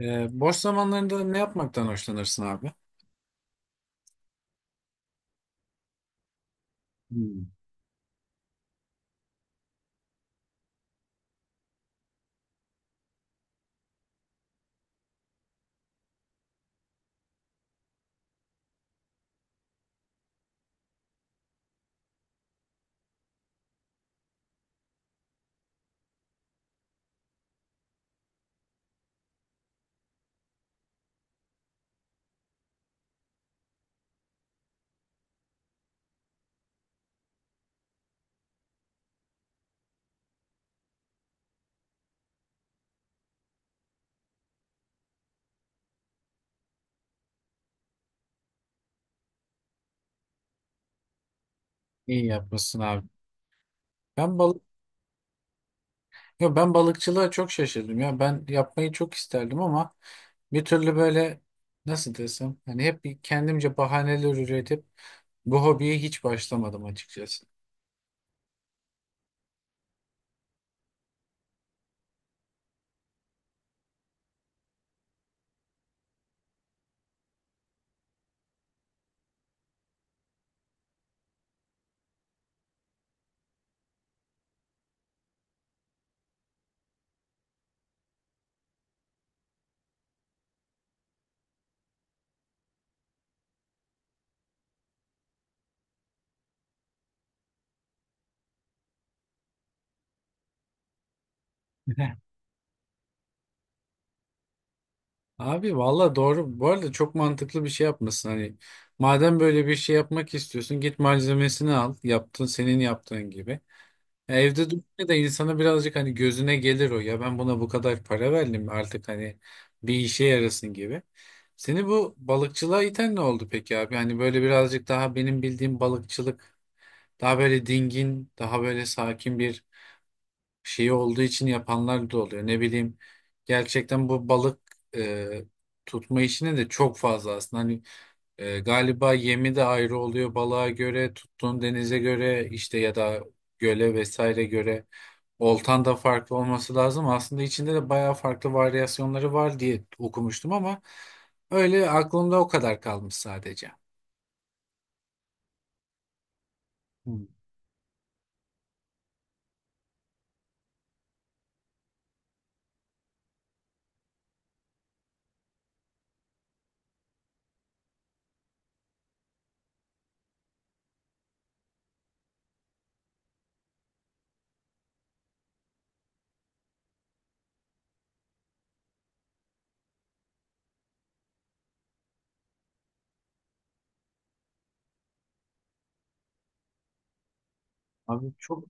Boş zamanlarında ne yapmaktan hoşlanırsın abi? Hmm. İyi yapmışsın abi. Ben balık, Ben balıkçılığa çok şaşırdım ya. Ben yapmayı çok isterdim ama bir türlü böyle nasıl desem hani hep bir kendimce bahaneler üretip bu hobiye hiç başlamadım açıkçası. Abi valla doğru. Bu arada çok mantıklı bir şey yapmışsın. Hani madem böyle bir şey yapmak istiyorsun git malzemesini al. Yaptın senin yaptığın gibi. Ya evde durunca da insana birazcık hani gözüne gelir o ya ben buna bu kadar para verdim artık hani bir işe yarasın gibi. Seni bu balıkçılığa iten ne oldu peki abi? Hani böyle birazcık daha benim bildiğim balıkçılık daha böyle dingin, daha böyle sakin bir şey olduğu için yapanlar da oluyor. Ne bileyim gerçekten bu balık e, tutma işine de çok fazla aslında. Hani galiba yemi de ayrı oluyor balığa göre, tuttuğun denize göre işte ya da göle vesaire göre. Oltan da farklı olması lazım. Aslında içinde de bayağı farklı varyasyonları var diye okumuştum ama öyle aklımda o kadar kalmış sadece. Hı. Abi çok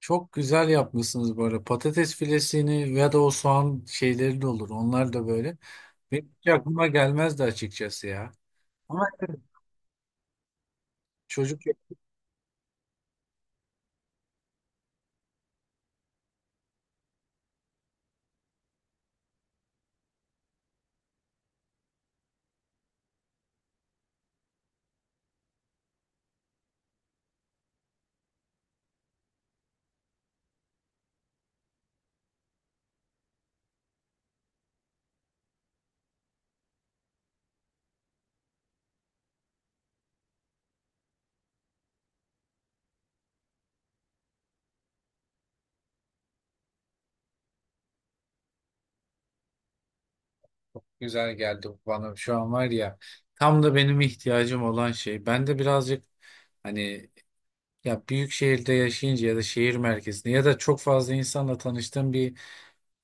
Çok güzel yapmışsınız böyle. Patates filesini ya da o soğan şeyleri de olur. Onlar da böyle. Benim hiç aklıma gelmezdi açıkçası ya. Ama evet. çocuk Güzel geldi bu bana. Şu an var ya tam da benim ihtiyacım olan şey. Ben de birazcık hani ya büyük şehirde yaşayınca ya da şehir merkezinde ya da çok fazla insanla tanıştığım bir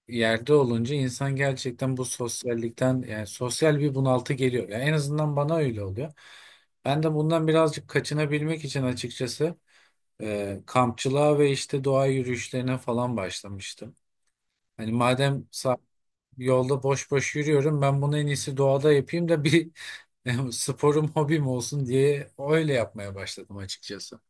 yerde olunca insan gerçekten bu sosyallikten yani sosyal bir bunaltı geliyor. Yani en azından bana öyle oluyor. Ben de bundan birazcık kaçınabilmek için açıkçası kampçılığa ve işte doğa yürüyüşlerine falan başlamıştım. Hani yolda boş boş yürüyorum ben bunu en iyisi doğada yapayım da bir sporum hobim olsun diye öyle yapmaya başladım açıkçası.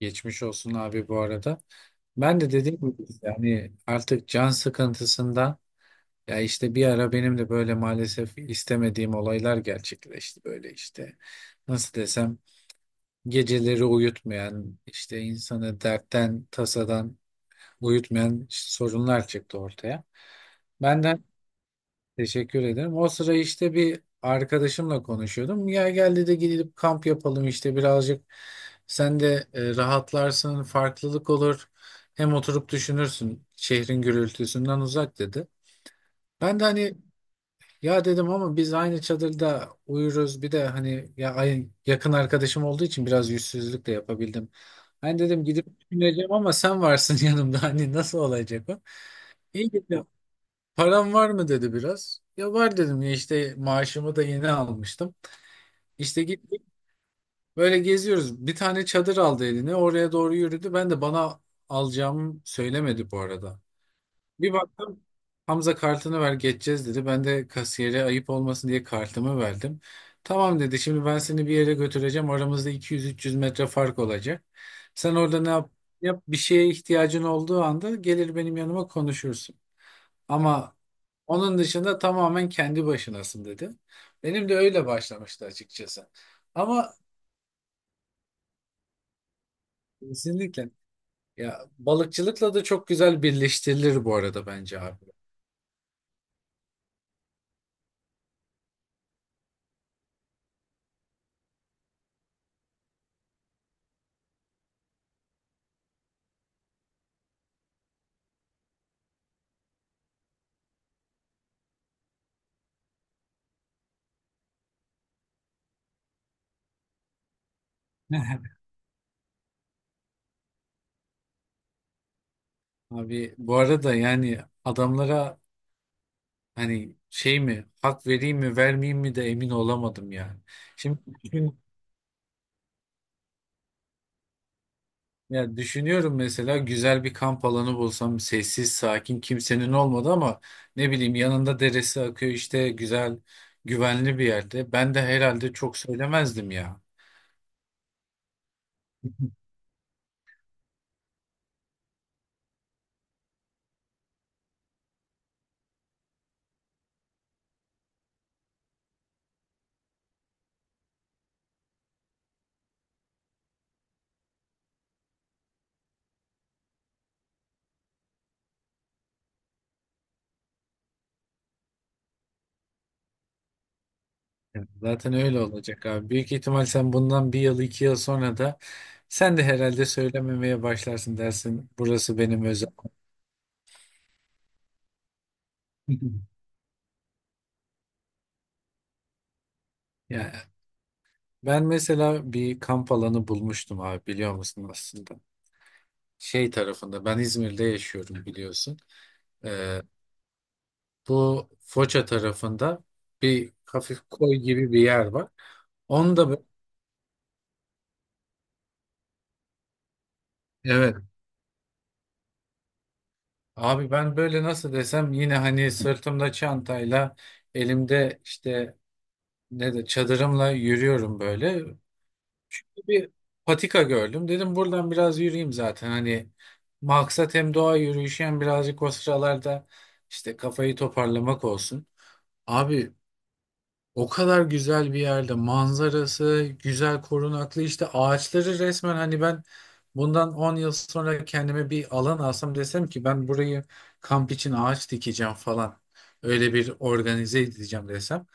Geçmiş olsun abi bu arada. Ben de dediğim gibi yani artık can sıkıntısından ya işte bir ara benim de böyle maalesef istemediğim olaylar gerçekleşti böyle işte. Nasıl desem geceleri uyutmayan işte insanı dertten tasadan uyutmayan sorunlar çıktı ortaya. Benden Teşekkür ederim. O sıra işte bir arkadaşımla konuşuyordum. Ya geldi de gidip kamp yapalım işte birazcık. Sen de rahatlarsın, farklılık olur. Hem oturup düşünürsün şehrin gürültüsünden uzak dedi. Ben de hani ya dedim ama biz aynı çadırda uyuruz. Bir de hani ya yakın arkadaşım olduğu için biraz yüzsüzlük de yapabildim. Hani dedim gidip düşüneceğim ama sen varsın yanımda. Hani nasıl olacak o? İyi dedi. Param var mı dedi biraz. Ya var dedim ya işte maaşımı da yeni almıştım. İşte gittik böyle geziyoruz. Bir tane çadır aldı eline oraya doğru yürüdü. Ben de bana alacağımı söylemedi bu arada. Bir baktım Hamza kartını ver geçeceğiz dedi. Ben de kasiyere ayıp olmasın diye kartımı verdim. Tamam dedi şimdi ben seni bir yere götüreceğim. Aramızda 200-300 metre fark olacak. Sen orada yap bir şeye ihtiyacın olduğu anda gelir benim yanıma konuşursun. Ama onun dışında tamamen kendi başınasın dedi. Benim de öyle başlamıştı açıkçası. Ama kesinlikle ya balıkçılıkla da çok güzel birleştirilir bu arada bence abi. Abi bu arada yani adamlara hani şey mi hak vereyim mi vermeyeyim mi de emin olamadım yani. Şimdi Ya düşünüyorum mesela güzel bir kamp alanı bulsam sessiz, sakin, kimsenin olmadı ama ne bileyim yanında deresi akıyor işte güzel, güvenli bir yerde. Ben de herhalde çok söylemezdim ya. Evet, zaten öyle olacak abi. Büyük ihtimal sen bundan bir yıl 2 yıl sonra da sen de herhalde söylememeye başlarsın dersin. Burası benim özel. Yani ben mesela bir kamp alanı bulmuştum abi biliyor musun aslında? Şey tarafında ben İzmir'de yaşıyorum biliyorsun. Ee, Bu Foça tarafında bir hafif koy gibi bir yer var. Onu da bö- evet, abi ben böyle nasıl desem yine hani sırtımda çantayla elimde işte ne de çadırımla yürüyorum böyle. Bir patika gördüm. Dedim buradan biraz yürüyeyim zaten. Hani maksat hem doğa yürüyüşü hem birazcık o sıralarda işte kafayı toparlamak olsun. Abi, o kadar güzel bir yerde manzarası, güzel korunaklı işte ağaçları resmen hani ben bundan 10 yıl sonra kendime bir alan alsam desem ki ben burayı kamp için ağaç dikeceğim falan. Öyle bir organize edeceğim desem.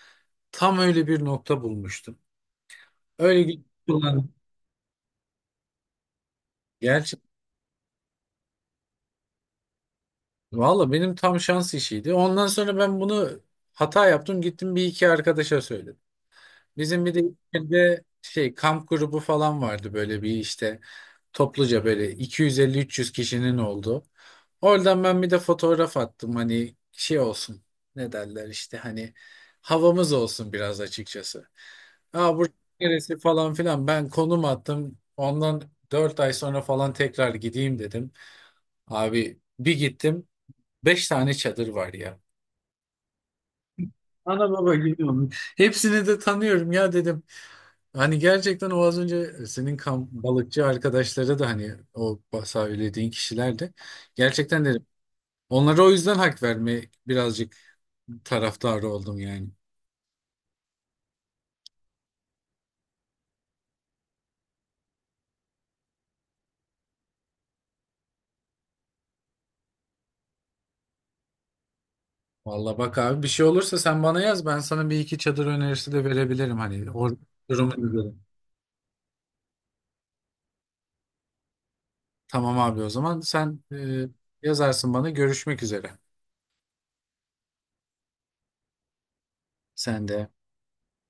Tam öyle bir nokta bulmuştum. Öyle kullandım. Gerçekten. Valla benim tam şans işiydi. Ondan sonra ben bunu hata yaptım gittim bir iki arkadaşa söyledim. Bizim bir de ilçede şey kamp grubu falan vardı böyle bir işte topluca böyle 250-300 kişinin olduğu. Oradan ben bir de fotoğraf attım hani şey olsun ne derler işte hani havamız olsun biraz açıkçası. Aa burası neresi falan filan ben konum attım ondan 4 ay sonra falan tekrar gideyim dedim. Abi bir gittim 5 tane çadır var ya. Ana baba gidiyorum. Hepsini de tanıyorum ya dedim. Hani gerçekten o az önce senin kamp balıkçı arkadaşları da hani o söylediğin kişiler de gerçekten dedim. Onlara o yüzden hak verme birazcık taraftarı oldum yani. Vallahi bak abi bir şey olursa sen bana yaz ben sana bir iki çadır önerisi de verebilirim hani o durumu göre. Tamam abi o zaman sen yazarsın bana görüşmek üzere. Sen de.